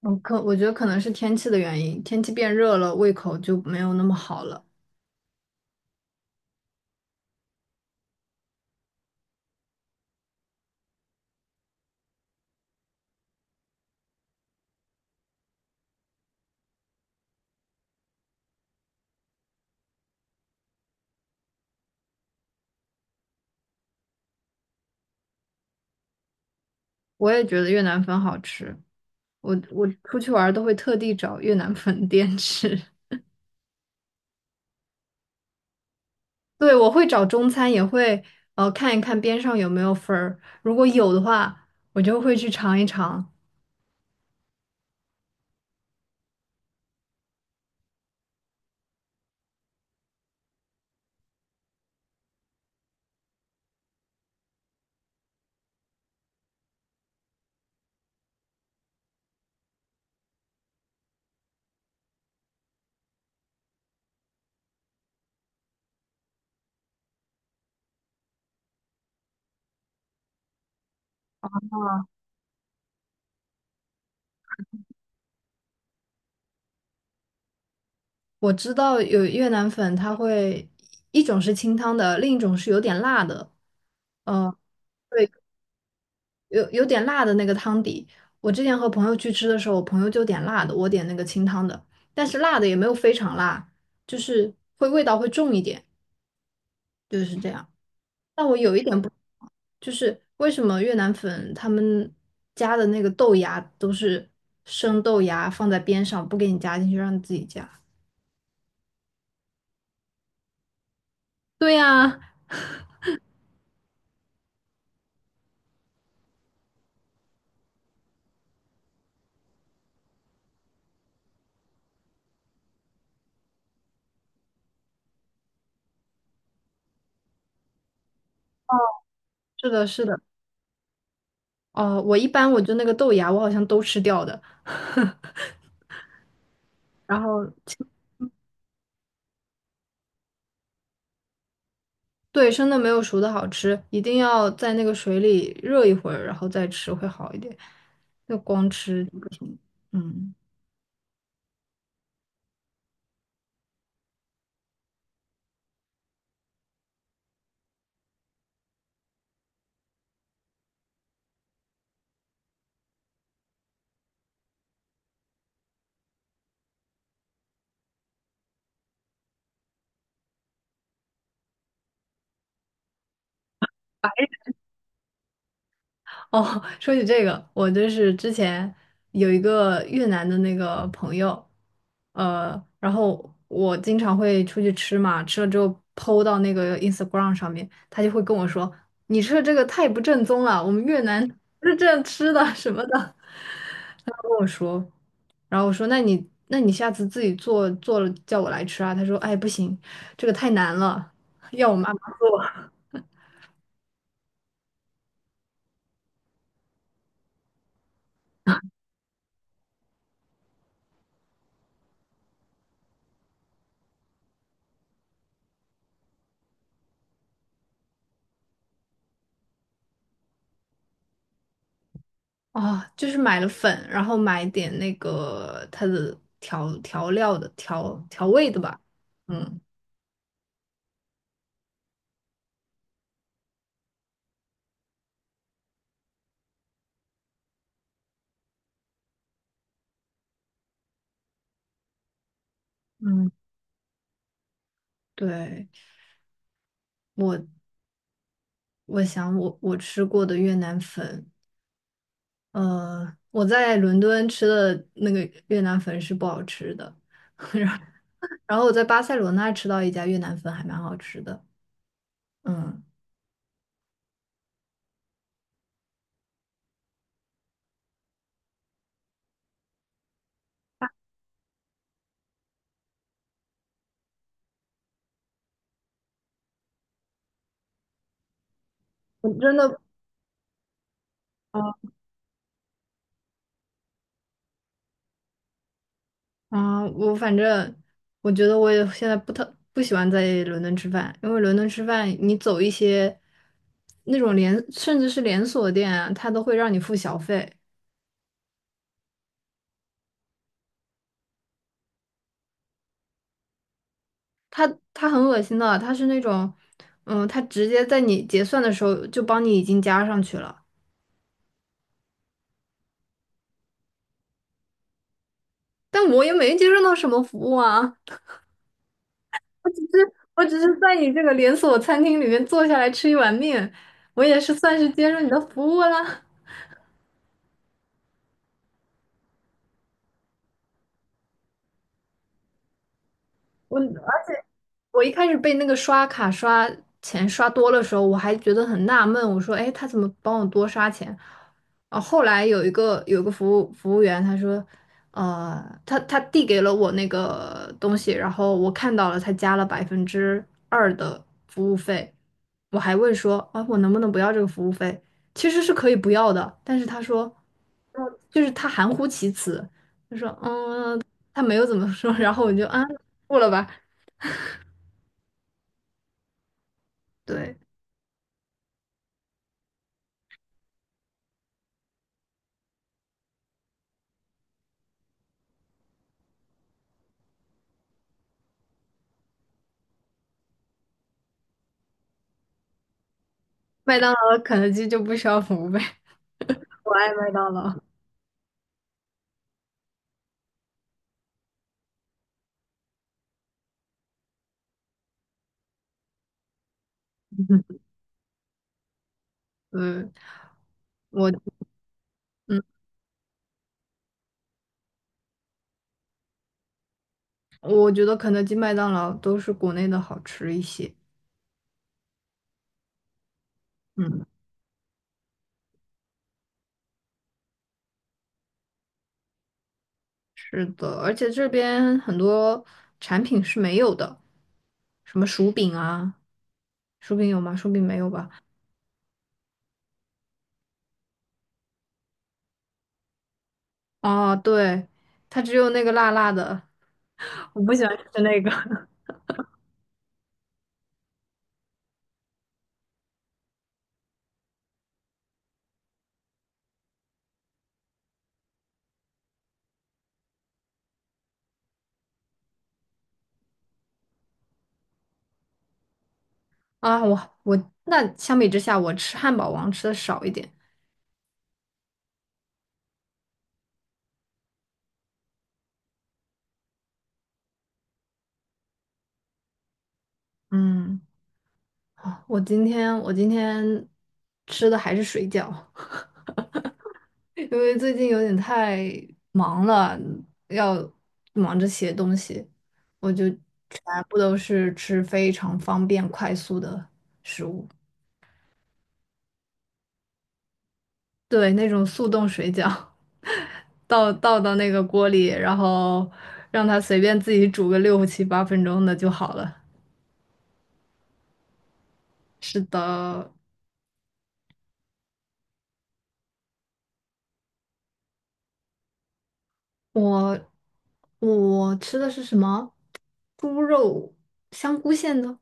我觉得可能是天气的原因，天气变热了，胃口就没有那么好了。我也觉得越南粉好吃，我出去玩儿都会特地找越南粉店吃。对，我会找中餐，也会看一看边上有没有粉儿，如果有的话，我就会去尝一尝。我知道有越南粉，它会一种是清汤的，另一种是有点辣的。呃，对，有点辣的那个汤底。我之前和朋友去吃的时候，我朋友就点辣的，我点那个清汤的，但是辣的也没有非常辣，就是会味道会重一点，就是这样。但我有一点不，就是为什么越南粉他们加的那个豆芽都是生豆芽放在边上，不给你加进去，让你自己加？对呀，是的，是的。哦，我一般就那个豆芽，我好像都吃掉的。然后。对，生的没有熟的好吃，一定要在那个水里热一会儿，然后再吃会好一点。就光吃不行。嗯。哦，说起这个，我就是之前有一个越南的那个朋友，然后我经常会出去吃嘛，吃了之后 PO 到那个 Instagram 上面，他就会跟我说：“你吃的这个太不正宗了，我们越南不是这样吃的什么的。他跟我说，然后我说：“那你下次自己做做了叫我来吃啊？”他说：“哎，不行，这个太难了，要我妈啊，就是买了粉，然后买点那个它的调料的调味的吧。嗯嗯，对，我我想我吃过的越南粉，我在伦敦吃的那个越南粉是不好吃的，然后我在巴塞罗那吃到一家越南粉还蛮好吃的。嗯，我真的。啊，我反正我觉得我也现在不喜欢在伦敦吃饭，因为伦敦吃饭，你走一些那种连甚至是连锁店啊，它都会让你付小费，他很恶心的，他是那种，嗯，他直接在你结算的时候就帮你已经加上去了，但我也没接受到什么服务啊，我只是在你这个连锁餐厅里面坐下来吃一碗面，我也是算是接受你的服务啦。我。而且。我一开始被那个刷卡刷钱刷多的时候，我还觉得很纳闷，我说：“哎，他怎么帮我多刷钱？”啊，后来有个服务员，他说：“呃，他递给了我那个东西，然后我看到了，他加了2%的服务费。”我还问说：“啊，我能不能不要这个服务费？”其实是可以不要的，但是他说，嗯就是他含糊其辞，他说：“嗯，他没有怎么说。”然后我就啊，付了吧，对。麦当劳、肯德基就不需要服务费。我爱麦当劳。嗯，我嗯，我觉得肯德基、麦当劳都是国内的好吃一些。嗯，是的，而且这边很多产品是没有的，什么薯饼啊，薯饼有吗？薯饼没有吧？哦，对，它只有那个辣辣的，我不喜欢吃那个 啊。我那相比之下，我吃汉堡王吃的少一点。嗯，啊我今天吃的还是水饺。因为最近有点太忙了，要忙着写东西，我就全部都是吃非常方便快速的食物，对，那种速冻水饺，倒到那个锅里，然后让它随便自己煮个6、7、8分钟的就好了。是的，我我吃的是什么？猪肉香菇馅的，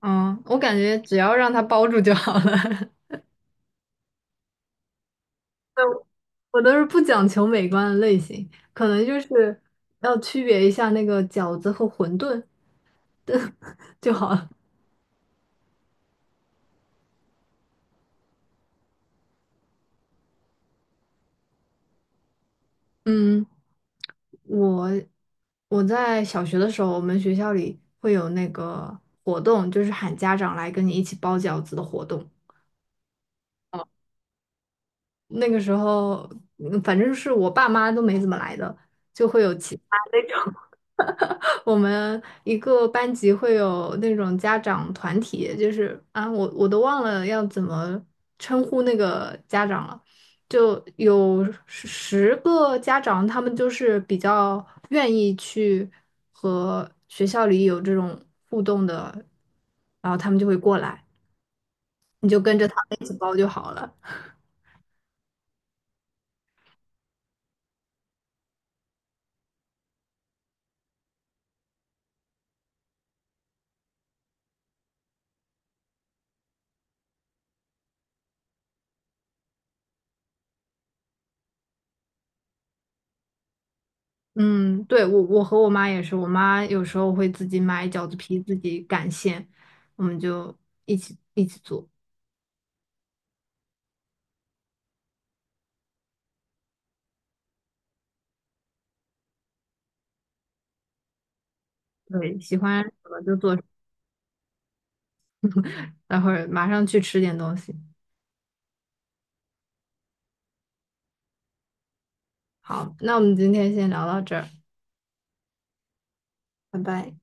嗯，我感觉只要让它包住就好了。我都是不讲求美观的类型，可能就是要区别一下那个饺子和馄饨就好了。嗯，我我在小学的时候，我们学校里会有那个活动，就是喊家长来跟你一起包饺子的活动。那个时候，反正是我爸妈都没怎么来的，就会有其他那种。我们一个班级会有那种家长团体，就是啊，我都忘了要怎么称呼那个家长了，就有十个家长，他们就是比较愿意去和学校里有这种互动的，然后他们就会过来，你就跟着他们一起包就好了。嗯，对，我和我妈也是，我妈有时候会自己买饺子皮，自己擀馅，我们就一起做。对，喜欢什么就做什么，待会儿马上去吃点东西。好，那我们今天先聊到这儿，拜拜。